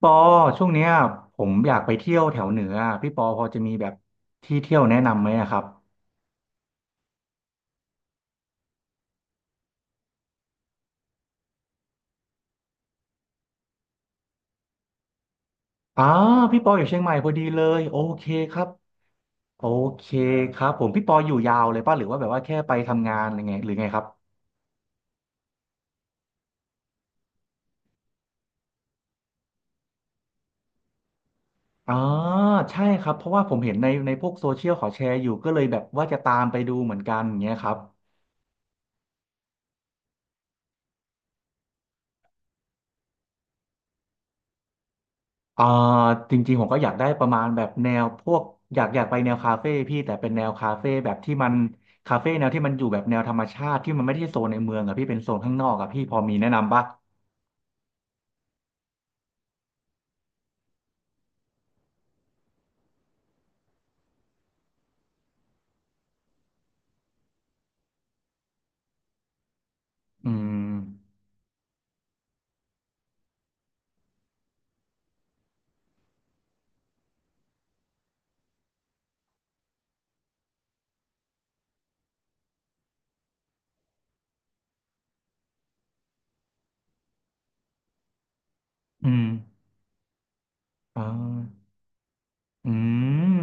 ปอช่วงเนี้ยผมอยากไปเที่ยวแถวเหนืออะพี่ปอพอจะมีแบบที่เที่ยวแนะนำไหมอะครับอ๋อพี่ปออยู่เชียงใหม่พอดีเลยโอเคครับโอเคครับผมพี่ปออยู่ยาวเลยป่ะหรือว่าแบบว่าแค่ไปทำงานอะไรไงหรือไงครับอ๋อใช่ครับเพราะว่าผมเห็นในพวกโซเชียลเขาแชร์อยู่ก็เลยแบบว่าจะตามไปดูเหมือนกันอย่างเงี้ยครับ อ่าจริงๆผมก็อยากได้ประมาณแบบแนวพวกอยากไปแนวคาเฟ่พี่แต่เป็นแนวคาเฟ่แบบที่มันคาเฟ่แนวที่มันอยู่แบบแนวธรรมชาติที่มันไม่ได้โซนในเมืองอะพี่เป็นโซนข้างนอกอะพี่พอมีแนะนำปะอืมอืมอ่าอืม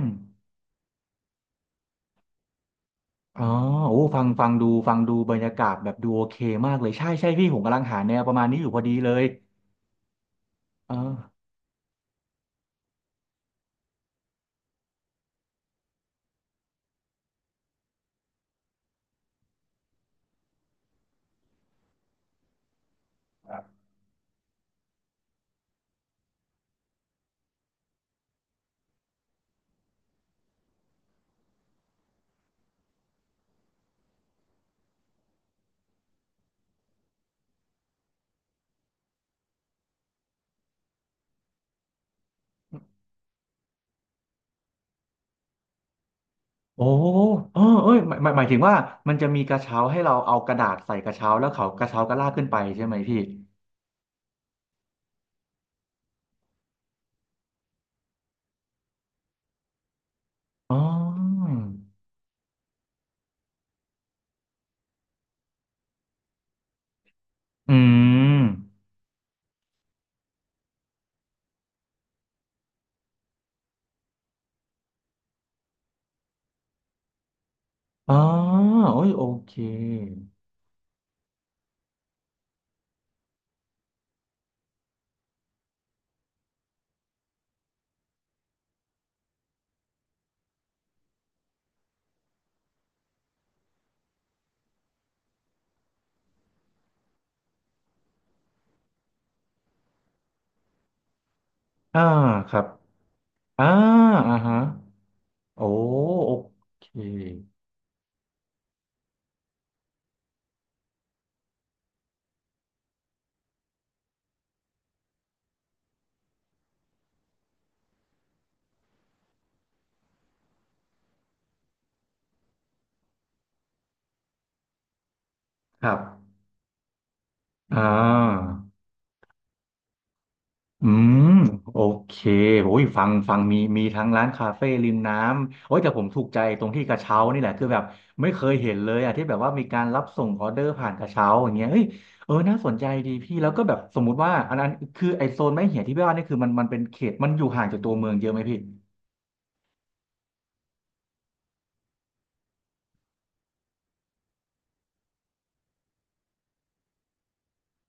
อ๋อโอ้ฟังฟังดูฟังดูบรรยากาศแบบดูโอเคมากเลยใช่ใช่พี่ผมกำลังหาแนวประมาณนี้อยู่พอดีเลยเออโอ้เออเอ้ยหมายถึงว่ามันจะมีกระเช้าให้เราเอากระดาษใส่กระเช้าแล้วเขากระเช้าก็ลากขึ้นไปใช่ไหมพี่ อ๋ออืมอ๋อโอ้ยโอเคอ่าครับอ่าอ่าฮะโอ้โอเคครับอ่าอืมโอเคโอ้ยฟังมีทั้งร้านคาเฟ่ริมน้ำโอ้ยแต่ผมถูกใจตรงที่กระเช้านี่แหละคือแบบไม่เคยเห็นเลยอ่ะที่แบบว่ามีการรับส่งออเดอร์ผ่านกระเช้าอย่างเงี้ยเฮ้ยเออน่าสนใจดีพี่ แล้วก็แบบสมมุติว่าอันนั้นคือไอโซนไม้เหี่ยที่พี่ว่านี่คือมันเป็นเขตมันอยู่ห่างจากตัวเมืองเยอะไหมพี่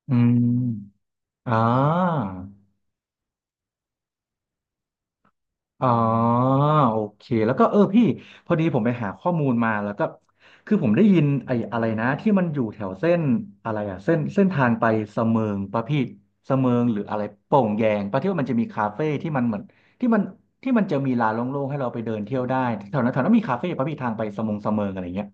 อืมอ่าอ๋อโอเคแล้วก็เออพี่พอดีผมไปหาข้อมูลมาแล้วก็คือผมได้ยินไอ้อะไรนะที่มันอยู่แถวเส้นอะไรอะเส้นทางไปเสมิงปะพี่เสมิงหรืออะไรโป่งแยงปะที่ว่ามันจะมีคาเฟ่ที่มันเหมือนที่มันจะมีลานโล่งๆให้เราไปเดินเที่ยวได้แถวนั้นมีคาเฟ่ปะพี่ทางไปสมงเสมิงอะไรเงี้ย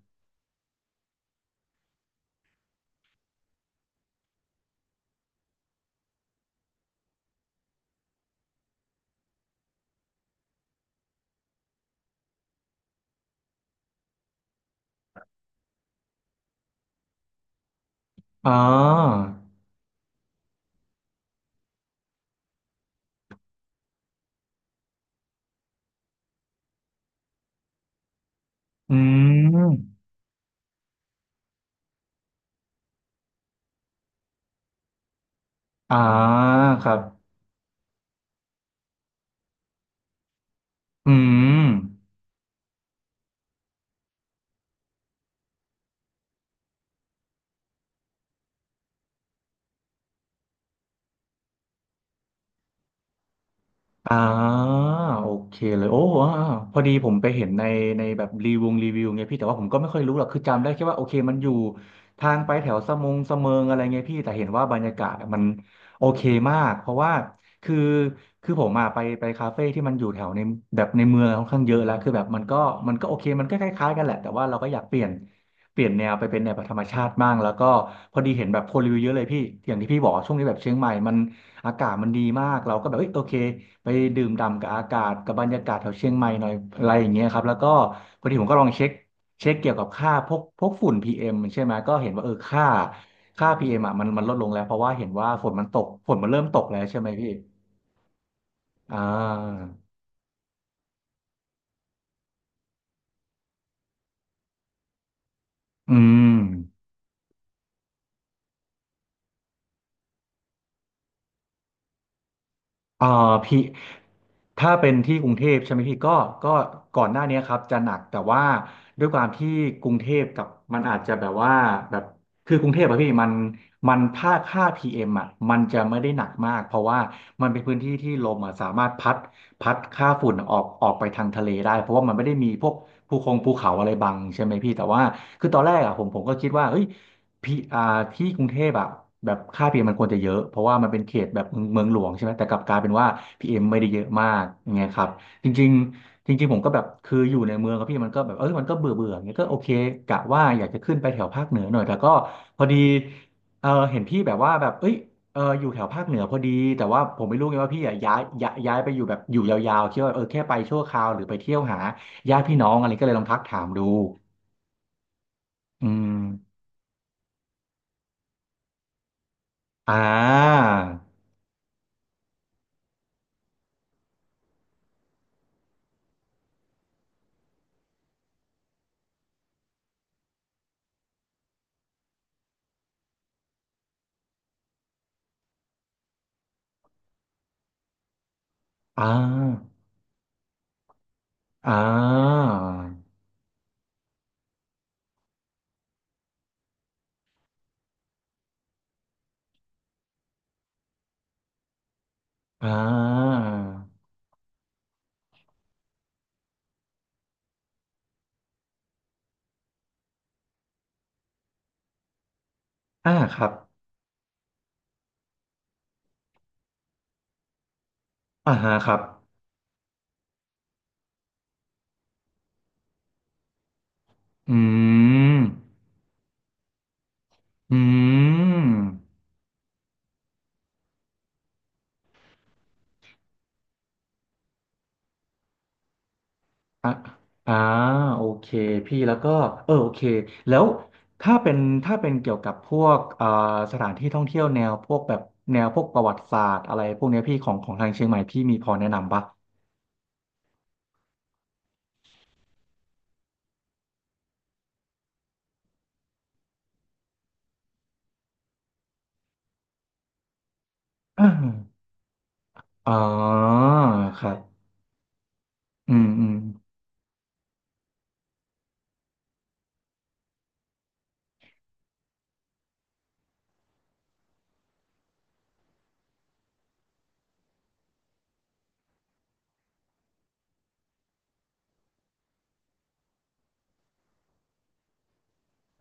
อ๋ออืมอ่าครับ อืม อ่าโอเคเลยโอ้อ่าพอดีผมไปเห็นในแบบรีวงรีวิวไงพี่แต่ว่าผมก็ไม่ค่อยรู้หรอกคือจำได้แค่ว่าโอเคมันอยู่ทางไปแถวสะมงสะเมิงอะไรไงพี่แต่เห็นว่าบรรยากาศมันโอเคมากเพราะว่าคือผมมาไปคาเฟ่ที่มันอยู่แถวในแบบในเมืองค่อนข้างเยอะแล้วคือแบบมันก็โอเคมันก็คล้ายๆกันแหละแต่ว่าเราก็อยากเปลี่ยนแนวไปเป็นแนวแบบธรรมชาติบ้างแล้วก็พอดีเห็นแบบคนรีวิวเยอะเลยพี่อย่างที่พี่บอกวาช่วงนี้แบบเชียงใหม่มัน อากาศมันดีมากเราก็แบบเอ้ยโอเคไปดื่มด่ำกับอากาศกับบรรยากาศแถวเชียงใหม่หน่อยอะไรอย่างเงี้ยครับแล้วก็พอดีผมก็ลองเช็คเกี่ยวกับค่าพวกฝุ่น PM ใช่ไหมก็เห็นว่าเออค่าPM อมอ่ะมันลดลงแล้วเพราะว่าเห็นว่าฝนมันตกฝนมันเริ่มตกแล้วใช่ไหมพี่อ่าอืม เอ่อพี่ถ้าเป็นที่กรุงเทพใช่ไหมพี่ก็ก็ก่อนหน้านี้ครับจะหนักแต่ว่าด้วยความที่กรุงเทพกับมันอาจจะแบบว่าแบบคือกรุงเทพอะพี่มันมันค่าพีเอ่ะมันจะไม่ได้หนักมากเพราะว่ามันเป็นพื้นที่ที่ลมอะสามารถพัดค่าฝุ่นออกไปทางทะเลได้เพราะว่ามันไม่ได้มีพวกภูคงภูเขาอะไรบังใช่ไหมพี่แต่ว่าคือตอนแรกอ่ะผมก็คิดว่าเฮ้ย พี่ที่กรุงเทพอะแบบค่าพีเอ็มมันควรจะเยอะ เพราะว่ามันเป็นเขตแบบเมืองเมืองหลวงใช่ไหมแต่กลับกลายเป็นว่าพีเอ็มไม่ได้เยอะมากอย่างเงี้ยครับจริงๆจริงๆผมก็แบบคืออยู่ในเมืองครับพี่มันก็แบบเออมันก็เบื่อเบื่ออย่างเงี้ยก็โอเคกะว่าอยากจะขึ้นไปแถวภาคเหนือหน่อยแต่ก็พอดีเออเห็นพี่แบบว่าแบบเอ้ยเอออยู่แถวภาคเหนือพอดีแต่ว่าผมไม่รู้ไงว่าพี่อะย้ายไปอยู่แบบอยู่ยาวๆคิดว่าเออแค่ไปชั่วคราวหรือไปเที่ยวหาญาติพี่น้องอะไรก็เลยลองทักถามดูอืมอ่า อ่าอ่าอ่าอ่าครับอ่าฮะครับอืมอืมอ่าอ่าโอเคพี่แล้วก็เออโอเคแล้วถ้าเป็นเกี่ยวกับพวกสถานที่ท่องเที่ยวแนวพวกแบบแนวพวกประวัติศาสตร์อะไรพวกเนี้ยพี่ของทางเชียงใหม่พี่มีพอแนะนำปะอ่าอ๋อครับอืมอืม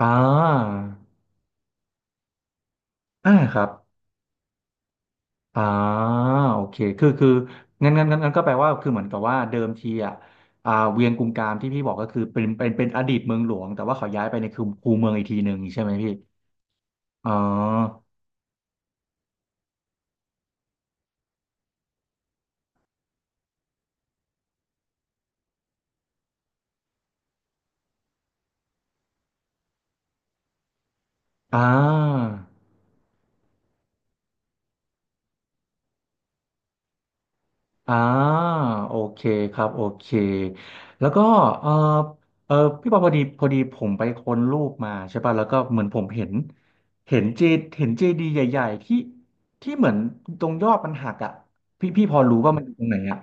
อ่าอ่าครับ อ่าโอเคคืองั้นก็แปลว่าคือเหมือนกับว่าเดิมทีอ่ะอ่าเวียงกุมกามที่พี่บอกก็คือเป็นอดีตเมืองหลวงแต่ว่าเขาย้ายไปในคูเมืองอีกทีหนึ่งใช่ไหมพี่อ๋ออ่าอ่าโอเคครับโอเคแล้วก็เออเออพี่ปอพอดีผมไปค้นรูปมาใช่ป่ะแล้วก็เหมือนผมเห็นเห็นเจเห็นเจดีย์ใหญ่ๆที่เหมือนตรงยอดมันหักอ่ะพี่พอรู้ว่ามันอยู่ตรงไหนอ่ะ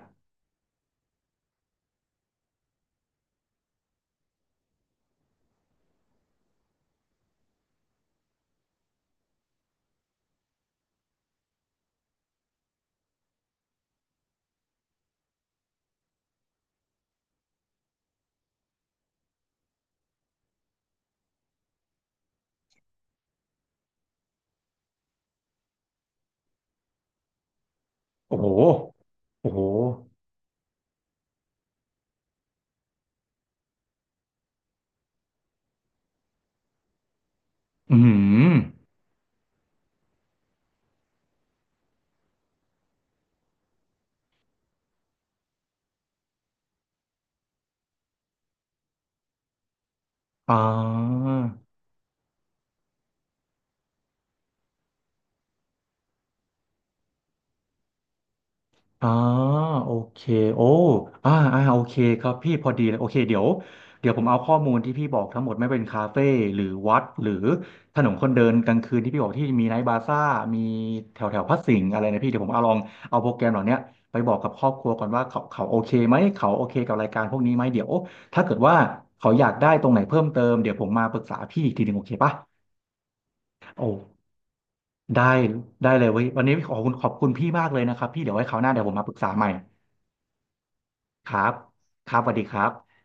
โอ้โหโอ้โหอืมอ่าอ่าโอเคโอ้อ่าอ่าโอเคครับพี่พอดีเลยโอเคเดี๋ยวผมเอาข้อมูลที่พี่บอกทั้งหมดไม่เป็นคาเฟ่หรือวัดหรือถนนคนเดินกลางคืนที่พี่บอกที่มีไนท์บาซ่ามีแถวแถวพระสิงห์อะไรนะพี่เดี๋ยวผมเอาลองเอาโปรแกรมเหล่าเนี้ยไปบอกกับครอบครัวก่อนว่าเขาโอเคไหมเขาโอเคกับรายการพวกนี้ไหมเดี๋ยวถ้าเกิดว่าเขาอยากได้ตรงไหนเพิ่มเติมเดี๋ยวผมมาปรึกษาพี่อีกทีหนึ่งโอเคปะโอ ได้ได้เลยเว้ยวันนี้ขอบคุณพี่มากเลยนะครับพี่เดี๋ยวไว้คราวหน้าเดี๋ยวผมมาปรึกษาใหม่ครับครับสวัสดีครับ